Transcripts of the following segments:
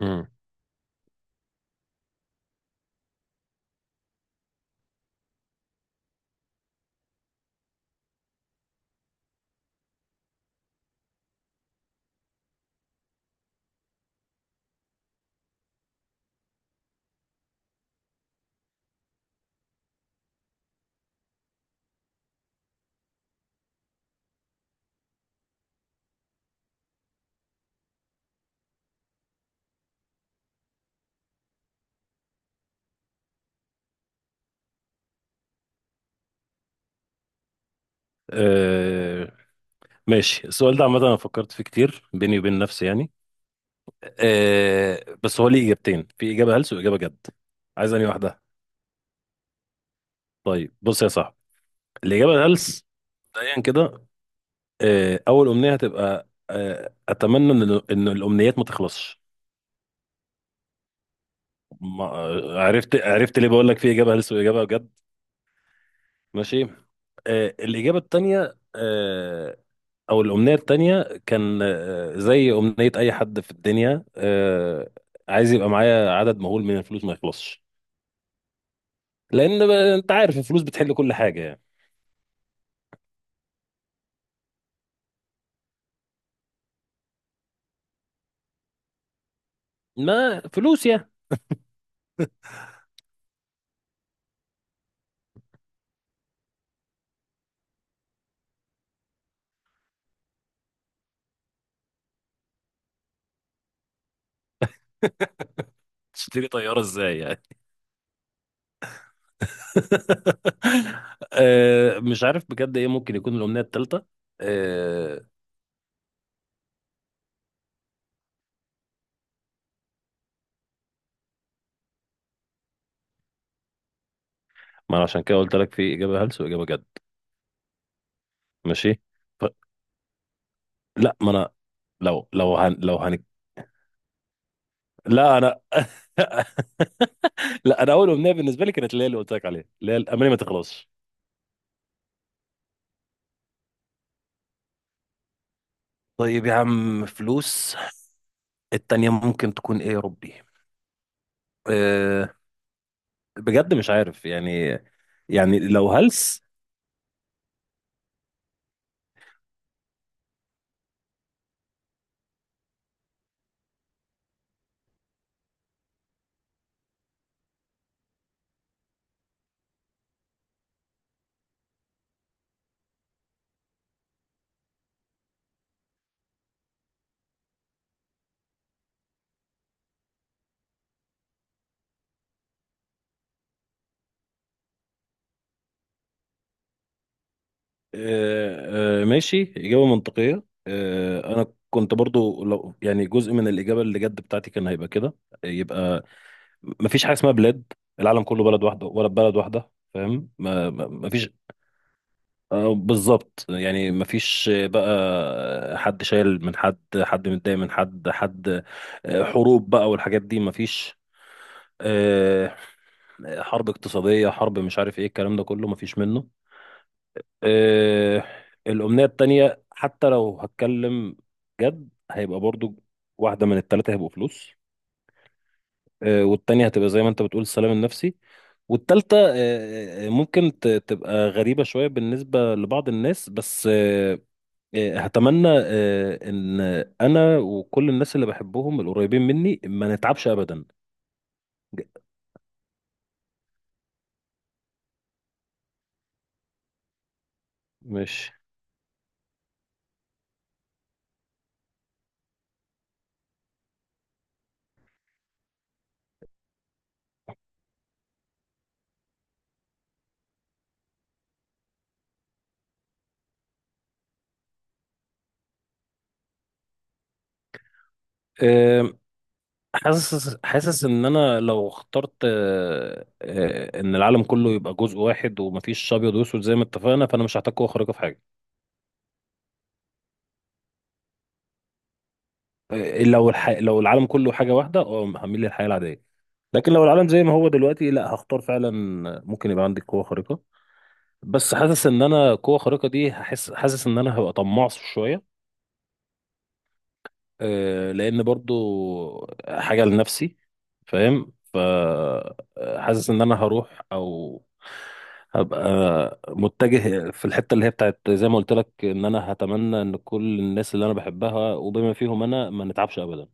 امم أه ماشي. السؤال ده عامة أنا فكرت فيه كتير بيني وبين نفسي يعني. بس هو ليه إجابتين؟ في إجابة هلس وإجابة جد، عايز أنهي واحدة؟ طيب بص يا صاحبي، الإجابة الهلس مبدئيا كده، أول أمنية هتبقى أتمنى إن الأمنيات ما تخلصش. ما عرفت ليه بقول لك في إجابة هلس وإجابة جد. ماشي، الإجابة التانية، او الامنيه التانية كان زي امنيه اي حد في الدنيا، عايز يبقى معايا عدد مهول من الفلوس ما يخلصش، لان انت عارف الفلوس بتحل كل حاجه يعني. ما فلوس يعني. تشتري طياره ازاي يعني؟ مش عارف بجد ايه ممكن يكون الامنيه التالتة. آه، ما انا عشان كده قلت لك في اجابه هلس واجابه جد. ماشي. ف... لا ما انا، لو لو هن... لو هن... لا انا لا انا اول امنيه بالنسبه لي كانت اللي هي اللي قلت لك عليها، اللي هي الاماني ما تخلصش. طيب يا عم، فلوس. التانية ممكن تكون ايه يا ربي؟ أه بجد مش عارف يعني لو هلس. أه أه ماشي، إجابة منطقية. أنا كنت برضو لو يعني جزء من الإجابة اللي جد بتاعتي كان هيبقى كده. يبقى مفيش حاجة اسمها بلاد، العالم كله بلد واحدة ولا بلد واحدة، فاهم؟ مفيش. بالظبط، يعني مفيش بقى حد شايل من حد، حد متضايق من حد، حد حروب بقى والحاجات دي مفيش. آه، حرب اقتصادية، حرب، مش عارف ايه الكلام ده كله، مفيش منه. آه، الأمنية التانية حتى لو هتكلم جد هيبقى برضو واحدة من التلاتة هيبقوا فلوس، والتانية هتبقى زي ما انت بتقول السلام النفسي، والتالتة ممكن تبقى غريبة شوية بالنسبة لبعض الناس، بس آه، إيه، هتمنى ان انا وكل الناس اللي بحبهم القريبين مني ما نتعبش ابدا. مش آه، حاسس ان انا لو اخترت ان العالم كله يبقى جزء واحد ومفيش ابيض واسود زي ما اتفقنا، فانا مش هحتاج قوه خارقه في حاجه. لو العالم كله حاجه واحده، اه هميل للحياه العاديه. لكن لو العالم زي ما هو دلوقتي، لا هختار فعلا ممكن يبقى عندي قوه خارقه، بس حاسس ان انا قوه خارقه دي هحس، حاسس ان انا هبقى طماع شويه، لان برضو حاجه لنفسي، فاهم؟ فحاسس ان انا هروح او هبقى متجه في الحته اللي هي بتاعت زي ما قلت لك، ان انا هتمنى ان كل الناس اللي انا بحبها وبما فيهم انا ما نتعبش ابدا.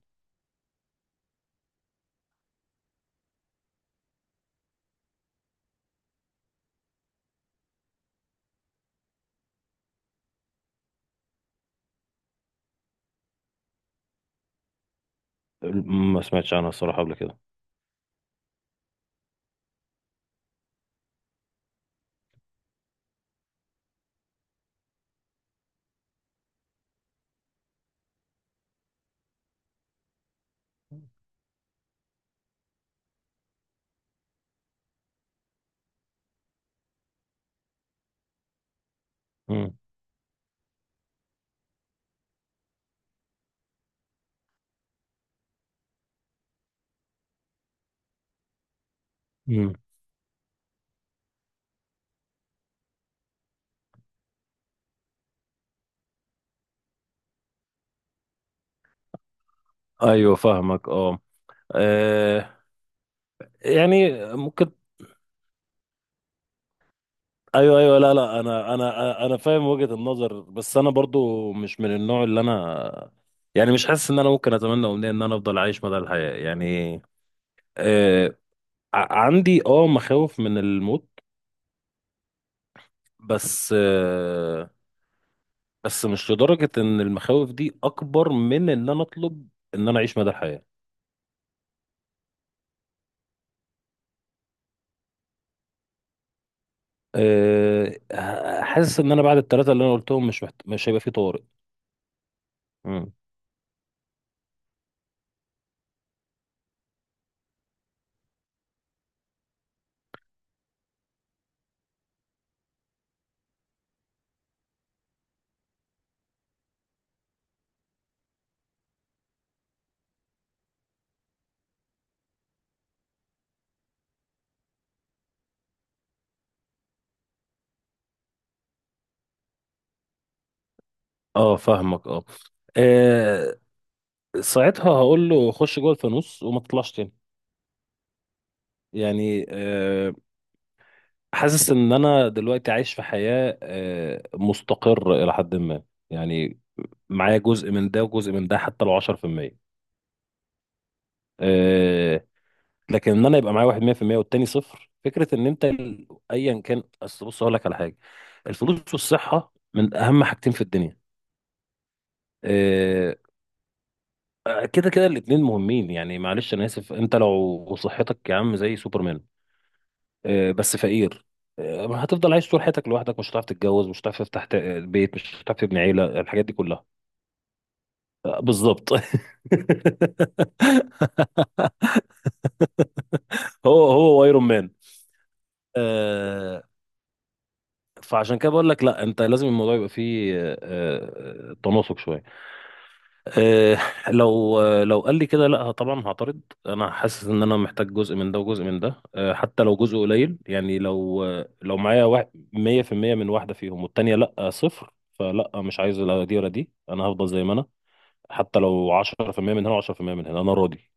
ما سمعتش عنها الصراحه قبل كده. مم. مم. ايوه فاهمك، اه. آه، يعني ممكن. ايوه ايوه، لا لا، انا فاهم وجهة النظر، بس انا برضو مش من النوع اللي انا يعني مش حاسس ان انا ممكن اتمنى امنية ان انا افضل عايش مدى الحياة يعني. آه عندي مخاوف من الموت، بس آه بس مش لدرجة ان المخاوف دي اكبر من ان انا اطلب ان انا اعيش مدى الحياة. حاسس ان انا بعد الثلاثة اللي انا قلتهم مش هيبقى في طوارئ. مم. اه فاهمك، اه. آه، ساعتها هقول له خش جوه الفانوس وما تطلعش تاني، يعني حاسس ان انا دلوقتي عايش في حياة مستقر الى حد ما، يعني معايا جزء من ده وجزء من ده حتى لو 10%، آه، لكن ان انا يبقى معايا واحد 100% والتاني صفر، فكرة ان انت ايا كان. اصل بص هقول لك على حاجة، الفلوس والصحة من اهم حاجتين في الدنيا. آه، كده كده الاتنين مهمين يعني، معلش انا اسف، انت لو صحتك يا عم زي سوبرمان، بس فقير، ما هتفضل عايش طول حياتك لوحدك، مش هتعرف تتجوز، مش هتعرف تفتح بيت، مش هتعرف تبني عيلة، الحاجات دي كلها. بالظبط. هو هو ايرون مان. آه، فعشان كده بقول لك لا، انت لازم الموضوع يبقى فيه تناسق شوية. آه، لو لو قال لي كده، لا طبعا هعترض، انا حاسس ان انا محتاج جزء من ده وجزء من ده حتى لو جزء قليل يعني. لو لو معايا 100% من واحده فيهم والتانيه لا صفر، فلا مش عايز لا دي ولا دي، انا هفضل زي ما انا. حتى لو 10% من هنا و10% من هنا انا راضي.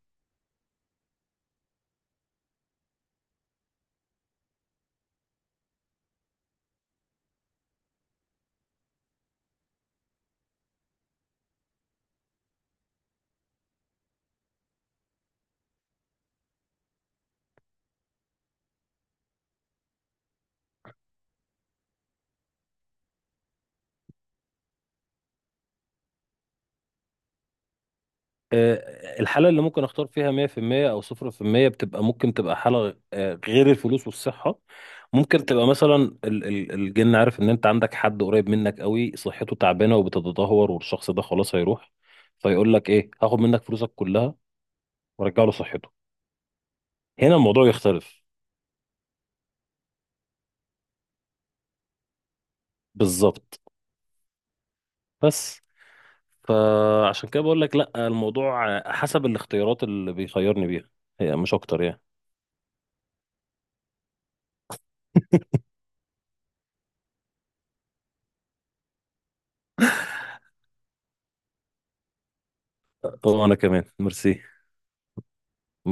الحالة اللي ممكن اختار فيها 100% او 0% بتبقى ممكن تبقى حالة غير الفلوس والصحة. ممكن تبقى مثلا، الجن عارف ان انت عندك حد قريب منك قوي صحته تعبانة وبتتدهور والشخص ده خلاص هيروح، فيقول لك ايه، هاخد منك فلوسك كلها وارجع له صحته. هنا الموضوع يختلف. بالظبط. بس فعشان كده بقول لك لا، الموضوع حسب الاختيارات اللي بيخيرني بيها. هي مش اكتر يعني. وانا كمان ميرسي.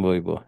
باي باي.